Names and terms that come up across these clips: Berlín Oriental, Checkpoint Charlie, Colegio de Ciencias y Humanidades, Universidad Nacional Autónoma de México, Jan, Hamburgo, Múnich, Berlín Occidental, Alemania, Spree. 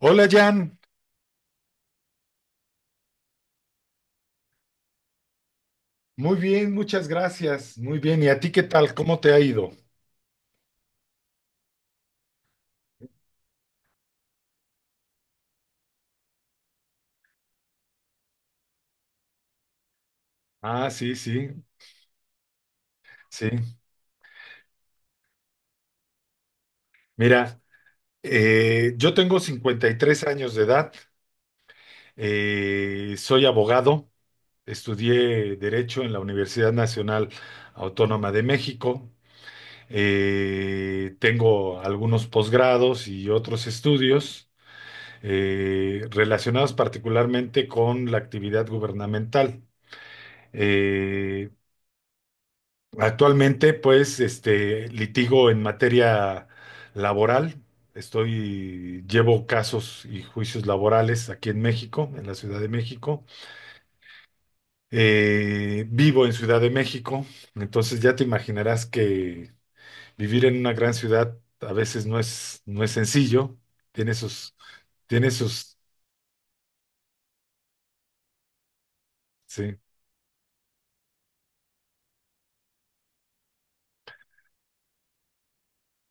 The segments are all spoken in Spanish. Hola Jan, muy bien, muchas gracias, muy bien. ¿Y a ti qué tal? ¿Cómo te ha ido? Ah, sí, sí, sí. Mira, yo tengo 53 años de edad, soy abogado, estudié Derecho en la Universidad Nacional Autónoma de México, tengo algunos posgrados y otros estudios relacionados particularmente con la actividad gubernamental. Eh, Actualmente, pues, litigo en materia laboral. Llevo casos y juicios laborales aquí en México, en la Ciudad de México. Vivo en Ciudad de México, entonces ya te imaginarás que vivir en una gran ciudad a veces no es, no es sencillo. Tiene sus, tiene sus. Sí.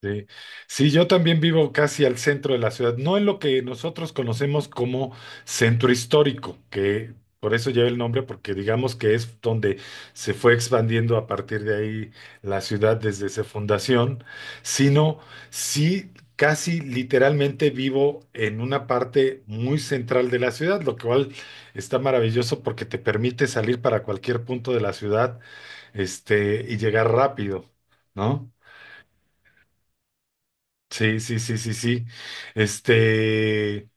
Sí. Sí, yo también vivo casi al centro de la ciudad, no en lo que nosotros conocemos como centro histórico, que por eso lleva el nombre, porque digamos que es donde se fue expandiendo a partir de ahí la ciudad desde su fundación, sino sí casi literalmente vivo en una parte muy central de la ciudad, lo cual está maravilloso porque te permite salir para cualquier punto de la ciudad, y llegar rápido, ¿no? Sí, sí, sí, sí, sí. Este,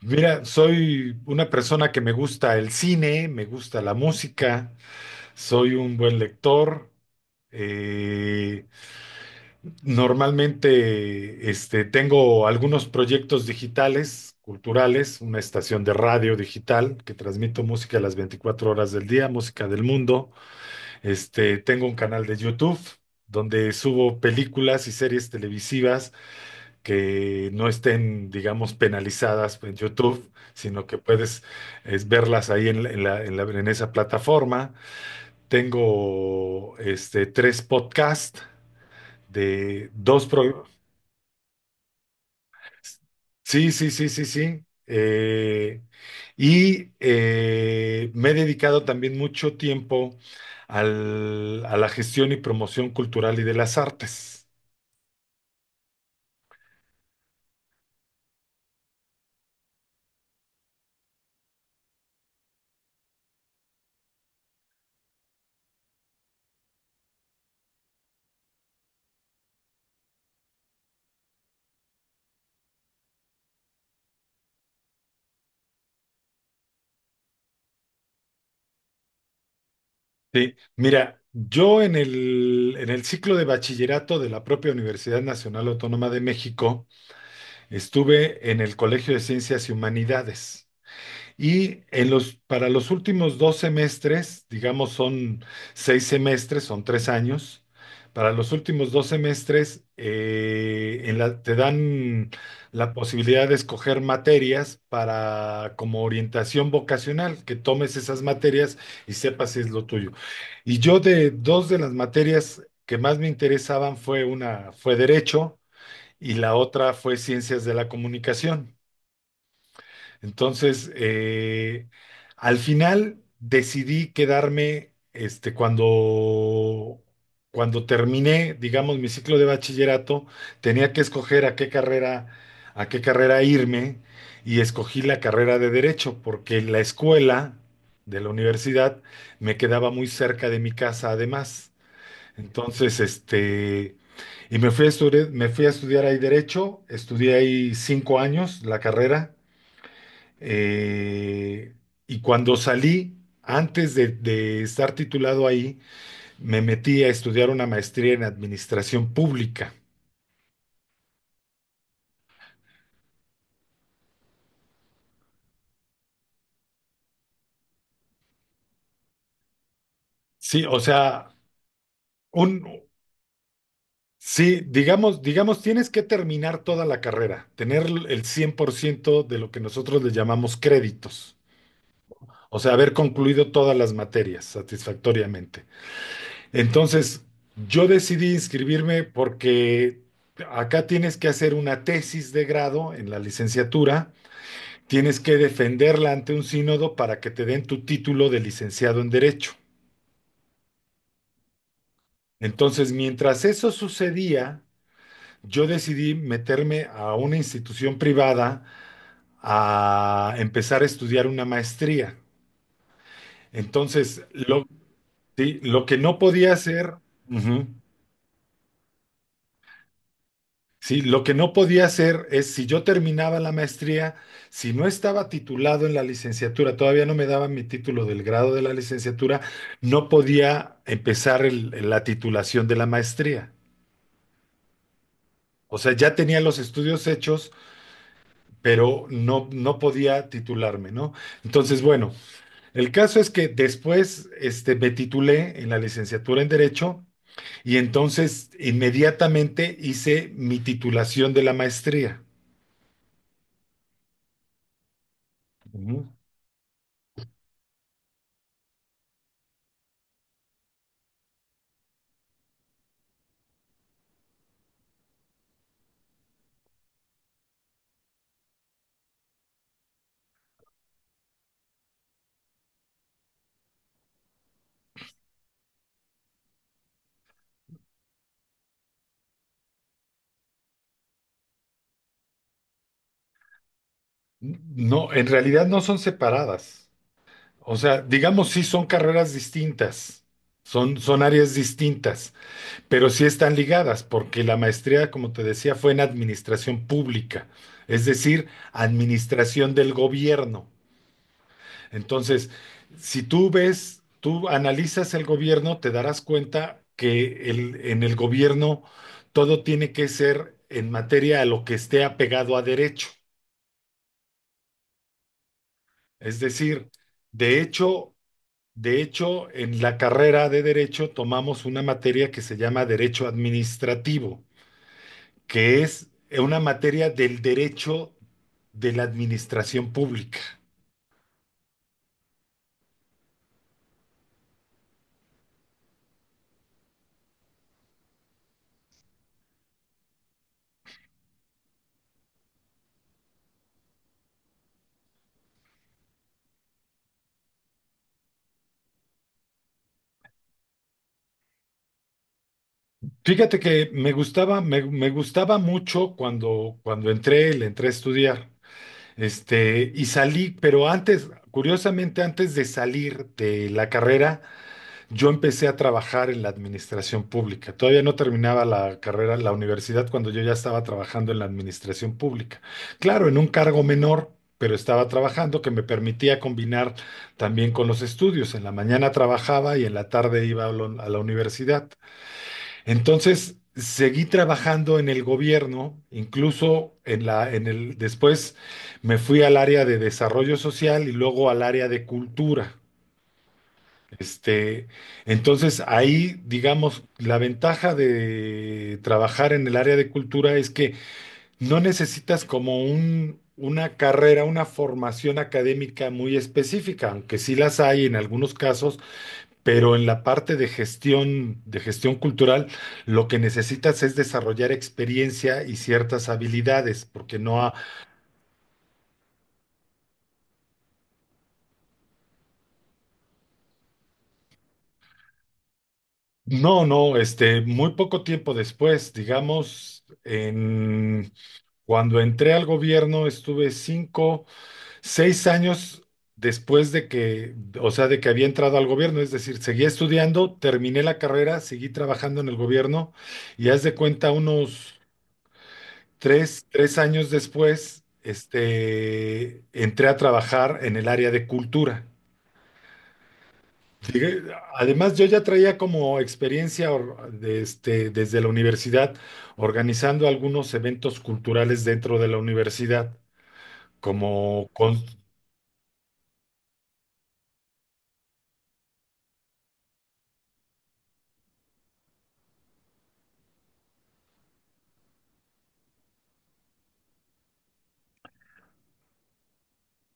Mira, soy una persona que me gusta el cine, me gusta la música, soy un buen lector. Eh, Normalmente, tengo algunos proyectos digitales, culturales, una estación de radio digital que transmito música a las 24 horas del día, música del mundo. Tengo un canal de YouTube donde subo películas y series televisivas que no estén, digamos, penalizadas en YouTube, sino que puedes verlas ahí en esa plataforma. Tengo tres podcasts de dos pro- sí, sí, sí, sí, sí. Y me he dedicado también mucho tiempo a la gestión y promoción cultural y de las artes. Sí, mira, yo en el ciclo de bachillerato de la propia Universidad Nacional Autónoma de México estuve en el Colegio de Ciencias y Humanidades. Y en los, para los últimos 2 semestres, digamos son 6 semestres, son 3 años, para los últimos dos semestres te dan la posibilidad de escoger materias para como orientación vocacional, que tomes esas materias y sepas si es lo tuyo. Y yo de dos de las materias que más me interesaban fue derecho y la otra fue ciencias de la comunicación. Entonces, al final decidí quedarme, cuando terminé, digamos, mi ciclo de bachillerato, tenía que escoger a qué carrera, irme y escogí la carrera de Derecho porque la escuela de la universidad me quedaba muy cerca de mi casa además. Entonces, y me fui a estudiar ahí Derecho, estudié ahí 5 años la carrera. Eh, y cuando salí, antes de estar titulado ahí, me metí a estudiar una maestría en administración pública. Sí, o sea, un, sí, digamos, tienes que terminar toda la carrera, tener el 100% de lo que nosotros le llamamos créditos, o sea, haber concluido todas las materias satisfactoriamente. Entonces, yo decidí inscribirme porque acá tienes que hacer una tesis de grado en la licenciatura. Tienes que defenderla ante un sínodo para que te den tu título de licenciado en Derecho. Entonces, mientras eso sucedía, yo decidí meterme a una institución privada a empezar a estudiar una maestría. Entonces, sí, lo que no podía hacer. Ujú. Sí, lo que no podía hacer es, si yo terminaba la maestría, si no estaba titulado en la licenciatura, todavía no me daban mi título del grado de la licenciatura, no podía empezar la titulación de la maestría. O sea, ya tenía los estudios hechos, pero no, no podía titularme, ¿no? Entonces, bueno, el caso es que después me titulé en la licenciatura en Derecho y entonces inmediatamente hice mi titulación de la maestría. Ujú. No, en realidad no son separadas. O sea, digamos, sí son carreras distintas, son áreas distintas, pero sí están ligadas, porque la maestría, como te decía, fue en administración pública, es decir, administración del gobierno. Entonces, si tú ves, tú analizas el gobierno, te darás cuenta que en el gobierno todo tiene que ser en materia a lo que esté apegado a derecho. Es decir, de hecho, de hecho, en la carrera de Derecho tomamos una materia que se llama Derecho Administrativo, que es una materia del derecho de la administración pública. Fíjate que me gustaba, me gustaba mucho cuando, entré, le entré a estudiar, y salí, pero antes, curiosamente, antes de salir de la carrera, yo empecé a trabajar en la administración pública. Todavía no terminaba la carrera, la universidad, cuando yo ya estaba trabajando en la administración pública. Claro, en un cargo menor, pero estaba trabajando que me permitía combinar también con los estudios. En la mañana trabajaba y en la tarde iba a la universidad. Entonces, seguí trabajando en el gobierno, incluso en la, en el, después me fui al área de desarrollo social y luego al área de cultura. Este, entonces ahí, digamos, la ventaja de trabajar en el área de cultura es que no necesitas como una carrera, una formación académica muy específica, aunque sí las hay en algunos casos, pero en la parte de gestión cultural, lo que necesitas es desarrollar experiencia y ciertas habilidades, porque no, no, no. Muy poco tiempo después, digamos, en Cuando entré al gobierno estuve 5, 6 años después de que, o sea, de que había entrado al gobierno, es decir, seguí estudiando, terminé la carrera, seguí trabajando en el gobierno y haz de cuenta unos tres años después, entré a trabajar en el área de cultura. Además, yo ya traía como experiencia desde la universidad organizando algunos eventos culturales dentro de la universidad como con-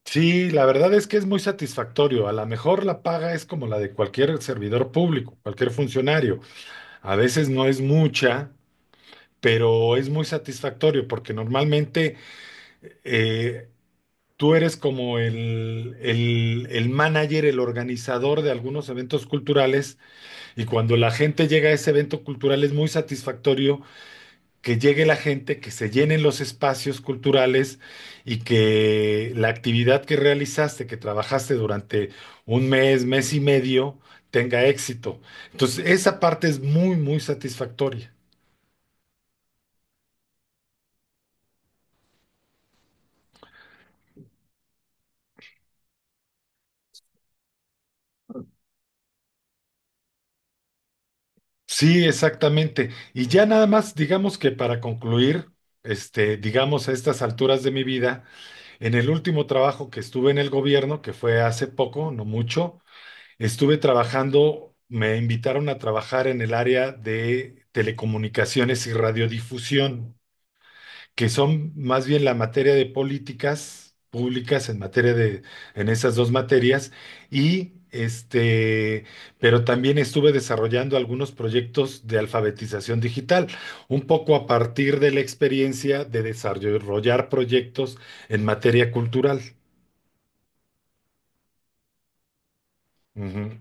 sí, la verdad es que es muy satisfactorio. A lo mejor la paga es como la de cualquier servidor público, cualquier funcionario. A veces no es mucha, pero es muy satisfactorio porque normalmente eh, tú eres como el manager, el organizador de algunos eventos culturales y cuando la gente llega a ese evento cultural es muy satisfactorio que llegue la gente, que se llenen los espacios culturales y que la actividad que realizaste, que trabajaste durante un mes, mes y medio, tenga éxito. Entonces, esa parte es muy, muy satisfactoria. Sí, exactamente. Y ya nada más, digamos que para concluir, digamos a estas alturas de mi vida, en el último trabajo que estuve en el gobierno, que fue hace poco, no mucho, me invitaron a trabajar en el área de telecomunicaciones y radiodifusión, que son más bien la materia de políticas públicas en materia de, en esas dos materias, y pero también estuve desarrollando algunos proyectos de alfabetización digital, un poco a partir de la experiencia de desarrollar proyectos en materia cultural. Ujú.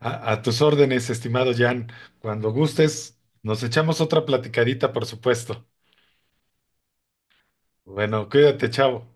A tus órdenes, estimado Jan. Cuando gustes, nos echamos otra platicadita, por supuesto. Bueno, cuídate, chavo.